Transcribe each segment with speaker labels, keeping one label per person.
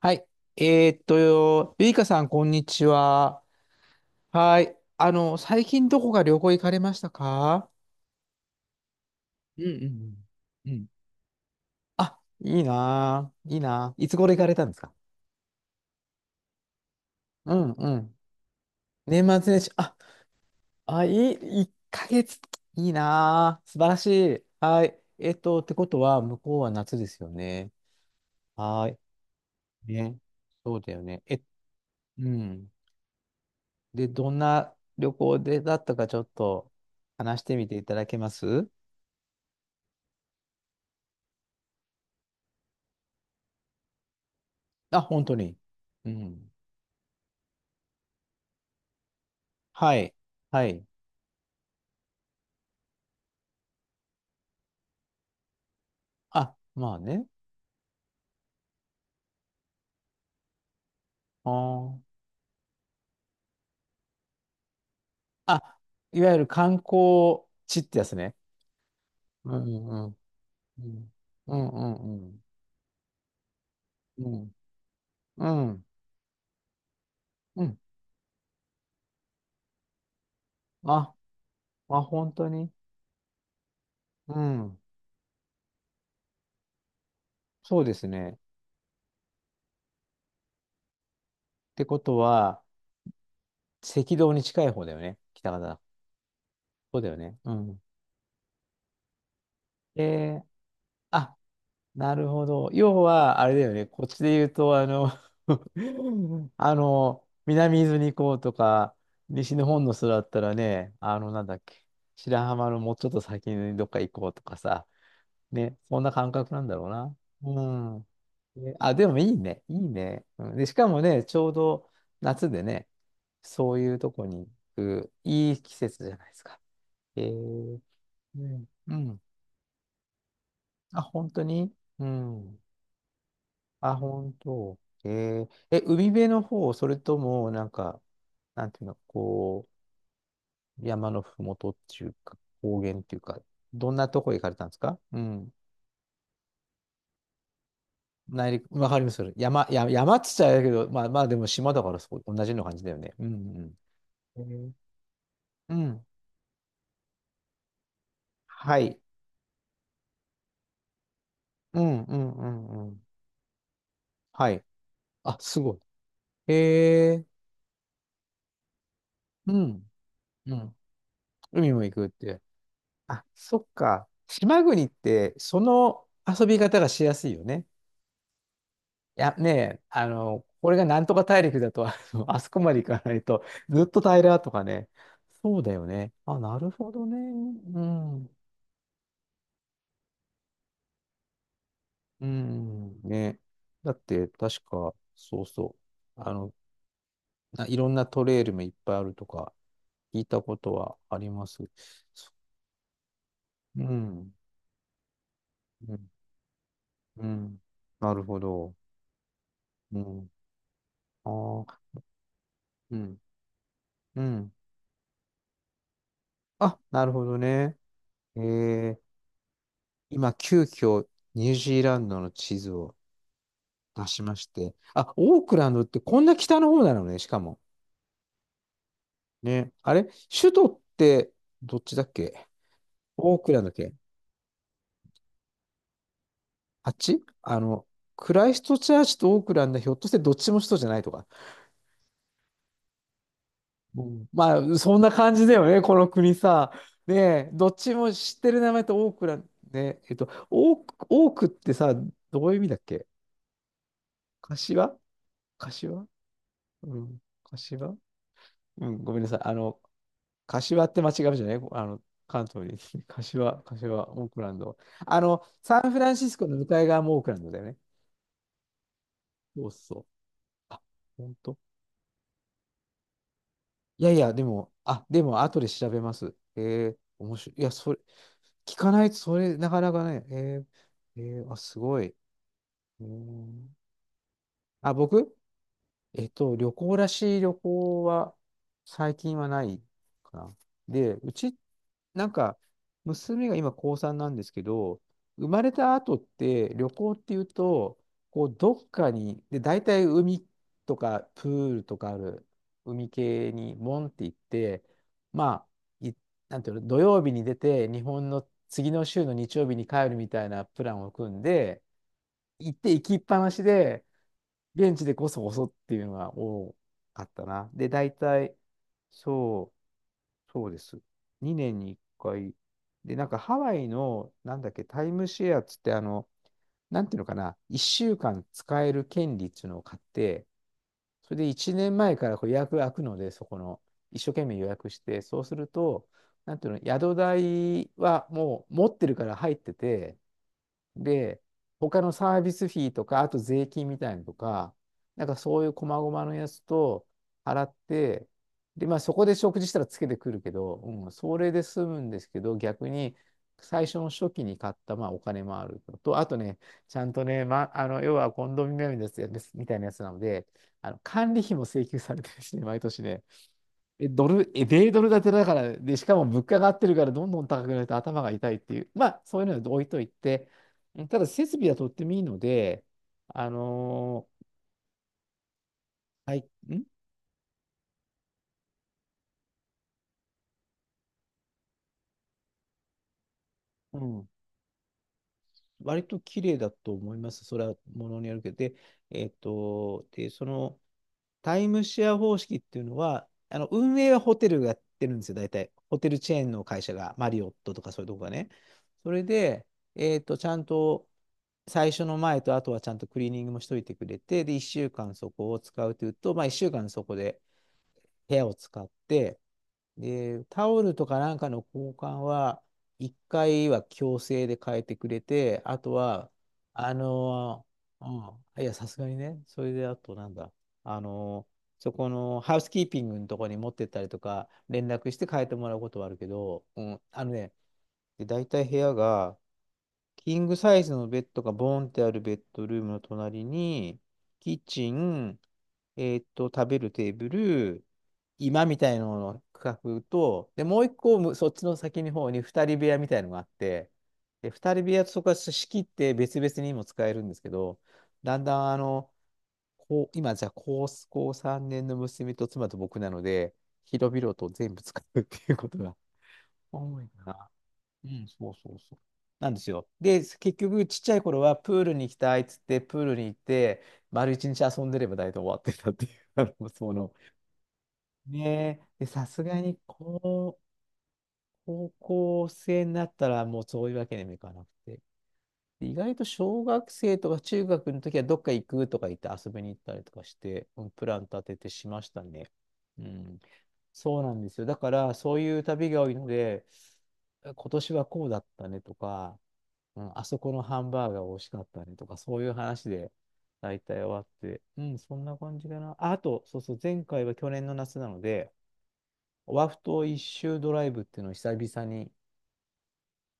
Speaker 1: はい。ゆいかさん、こんにちは。はい。最近どこか旅行行かれましたか？うんうんうん。うん。あ、いいなぁ。いいなぁ。いつ頃行かれたんですか？うんうん。年末年始。あ、あ、いい、1ヶ月。いいなぁ。素晴らしい。はい。ってことは、向こうは夏ですよね。はい。ね。そうだよね。え、うん。で、どんな旅行でだったか、ちょっと話してみていただけます？あ、本当に。うん。はい。はい。あ、まあね。あー。あ、いわゆる観光地ってやつね。うんうんうん。うんうんうん。うん。うん。うんあ、あ、本当に。うん。そうですね。ってことは、赤道に近い方だよね。北方。そうだよね。うん。えー、あ、なるほど。要は、あれだよね。こっちで言うと、南伊豆に行こうとか、西日本の人だったらね、なんだっけ、白浜のもうちょっと先にどっか行こうとかさ、ね、そんな感覚なんだろうな。うん。えあ、でもいいね、いいね。うん、で、しかもね、ちょうど夏でね、そういうとこに行く、いい季節じゃないですか。えー、うん。うん。あ、本当に。うん。あ、本当。え海辺の方、それとも、なんか、なんていうの、こう、山のふもとっていうか、高原っていうか、どんなとこ行かれたんですか？うん。内陸、わかります。山っつっちゃあれだけど、まあまあでも島だからそう、同じような感じだよね。うんうん。うん。はい。うんうんうんうん。はい。あ、すごい。うん。うん。海も行くって。あ、そっか。島国って、その遊び方がしやすいよね。いや、ねえ、これがなんとか大陸だと、あそこまで行かないと、ずっと平らとかね。そうだよね。あ、なるほどね。うん。うん。ね。だって、確か、そうそう。ないろんなトレイルもいっぱいあるとか、聞いたことはあります。そうん。うん。うん。なるほど。うん。ああ、うん。うん。あ、なるほどね。えー、今、急遽、ニュージーランドの地図を出しまして。あ、オークランドってこんな北の方なのね、しかも。ね。あれ首都ってどっちだっけ？オークランドだっけ？あっちクライストチャーチとオークランドひょっとしてどっちも首都じゃないとか。うんまあ、そんな感じだよね、この国さ。ねえ、どっちも知ってる名前とオークランド、ね、オークってさ、どういう意味だっけ？柏柏うん、柏うん、ごめんなさい。柏って間違うじゃない関東に。柏、柏、オークランド。サンフランシスコの向かい側もオークランドだよね。そうそう。あ、本当。いやいや、でも、後で調べます。面白い。いや、それ、聞かないと、それ、なかなかね。あ、すごい。うーんあ、僕旅行らしい旅行は、最近はないかな。で、うち、なんか、娘が今高3なんですけど、生まれた後って旅行っていうと、こうどっかに、で、大体海とかプールとかある海系にモンって行って、まあ、なんていうの、土曜日に出て、日本の次の週の日曜日に帰るみたいなプランを組んで、行って行きっぱなしで、現地でこそこそっていうのが多かったな。で、大体、そう。そうです。2年に1回。で、なんかハワイの、なんだっけ、タイムシェアっつって、なんていうのかな、1週間使える権利っていうのを買って、それで1年前からこう予約が開くので、そこの、一生懸命予約して、そうすると、なんていうの、宿代はもう持ってるから入ってて、で、他のサービスフィーとか、あと税金みたいなのとか、なんかそういう細々のやつと払って、で、まあそこで食事したらつけてくるけど、うん、それで済むんですけど、逆に最初の初期に買ったまあお金もあるのと、あとね、ちゃんとね、ま、あの、要はコンドミニアムのやつみたいなやつなので、あの管理費も請求されてるしね、毎年ね。え、ドル、え、米ドル建てだから、で、しかも物価が上がってるからどんどん高くなると頭が痛いっていう、まあ、そういうのは置いといて、うんただ設備はとってもいいので、あのはい、んうん。割と綺麗だと思います。それはものによるけど。で、そのタイムシェア方式っていうのは、あの運営はホテルがやってるんですよ、大体。ホテルチェーンの会社が、マリオットとかそういうとこがね。それで、ちゃんと最初の前とあとはちゃんとクリーニングもしといてくれて、で、1週間そこを使うというと、まあ1週間そこで部屋を使って、で、タオルとかなんかの交換は、1回は強制で変えてくれて、あとは、あのーうん、いや、さすがにね、それであとなんだ、そこのハウスキーピングのところに持ってったりとか、連絡して変えてもらうことはあるけど、うん、あのね、で、大体部屋が、キングサイズのベッドがボーンってあるベッドルームの隣に、キッチン、食べるテーブル、居間みたいなのの区画と、で、もう一個む、そっちの先の方に二人部屋みたいのがあって、で、二人部屋とそこは仕切って別々にも使えるんですけど、だんだん今じゃあ高3年の娘と妻と僕なので、広々と全部使うっていうことが多いな。うん、そうそうそう。なんですよ。で、結局、ちっちゃい頃は、プールに行きたいっつって、プールに行って、丸一日遊んでれば大体終わってたっていう、ねえ、で、さすがに、こう、高校生になったら、もうそういうわけにもいかなくて。で意外と小学生とか中学の時は、どっか行くとか言って遊びに行ったりとかして、うんプラン立ててしましたね。うん、そうなんですよ。だから、そういう旅が多いので、今年はこうだったねとか、うん、あそこのハンバーガー美味しかったねとか、そういう話で大体終わって、うん、そんな感じかな。あ、あと、そうそう、前回は去年の夏なので、オアフ島一周ドライブっていうのを久々に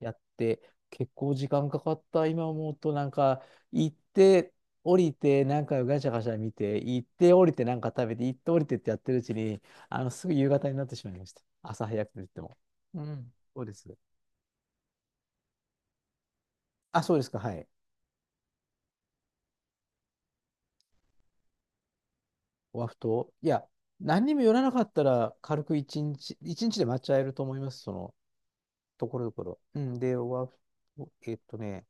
Speaker 1: やって、結構時間かかった、今思うと、なんか、行って、降りて、なんかガチャガチャ見て、行って、降りて、なんか食べて、行って、降りてってやってるうちに、すぐ夕方になってしまいました。朝早くと言っても。うん、そうです。あ、そうですか、はい。ワフト。いや、何にも寄らなかったら、軽く一日、一日で回っちゃえると思います、その、ところどころ。うん、で、ワフト、ね、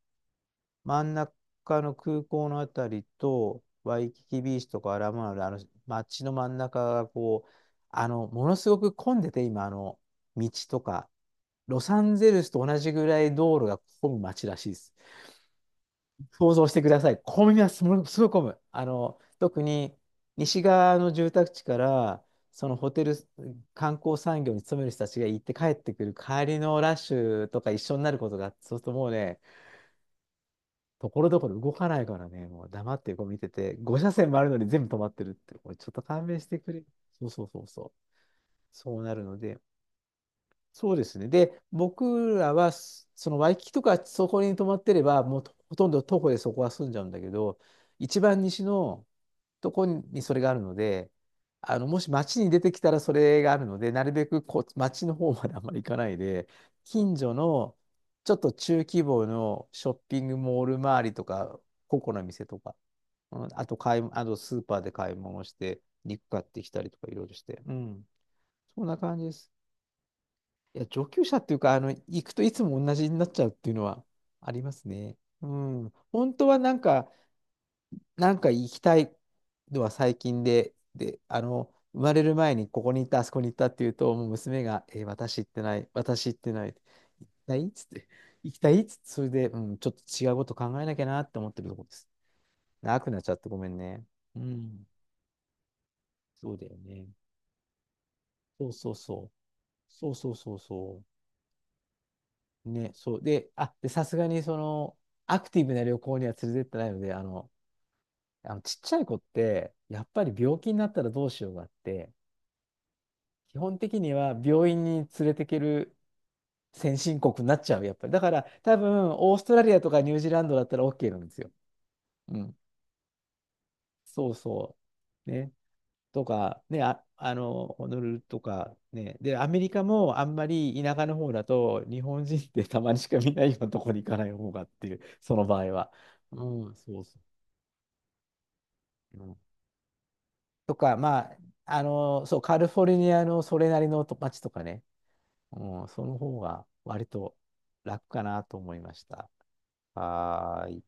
Speaker 1: 真ん中の空港のあたりと、ワイキキビーチとかアラモアナの、街の真ん中がこう、ものすごく混んでて、今、道とか、ロサンゼルスと同じぐらい道路が混む街らしいです。想像してください。混みます。ものすごい混む。特に西側の住宅地から、そのホテル観光産業に勤める人たちが行って帰ってくる帰りのラッシュとか一緒になることがあって、そうするともうね、ところどころ動かないからね、もう黙ってこう見てて、5車線もあるのに全部止まってるって、これちょっと勘弁してくれ。そうそうそうそう。そうなるので、そうですね。で、僕らは、そのワイキキとかそこに泊まってれば、もうほとんど徒歩でそこは住んじゃうんだけど、一番西のとこにそれがあるので、もし街に出てきたらそれがあるので、なるべくこう街の方まであんまり行かないで、近所のちょっと中規模のショッピングモール周りとか、個々の店とか、うん、あと買い、あとスーパーで買い物して、肉買ってきたりとかいろいろして、うん、そんな感じです。いや、上級者っていうか、行くといつも同じになっちゃうっていうのはありますね。うん。本当はなんか、なんか行きたいのは最近で、で、生まれる前にここに行った、あそこに行ったっていうと、もう娘が、私行ってない、私行ってない、行きたいっつって、行きたいっつって、それで、うん、ちょっと違うこと考えなきゃなって思ってるところです。長くなっちゃってごめんね。うん。そうだよね。そうそうそう。そうそうそうそう。ね、そう。で、で、さすがにその、アクティブな旅行には連れてってないので、ちっちゃい子って、やっぱり病気になったらどうしようがあって、基本的には病院に連れてける先進国になっちゃう、やっぱり。だから、多分、オーストラリアとかニュージーランドだったら OK なんですよ。うん。そうそう。ね。とか、ね、ホノルルとか、ね、で、アメリカもあんまり田舎の方だと、日本人ってたまにしか見ないようなところに行かない方がっていう、その場合は。うん、そうそう。うんとか、まあ、そう、カリフォルニアのそれなりのと街とかね、うん、その方が割と楽かなと思いました。はーい。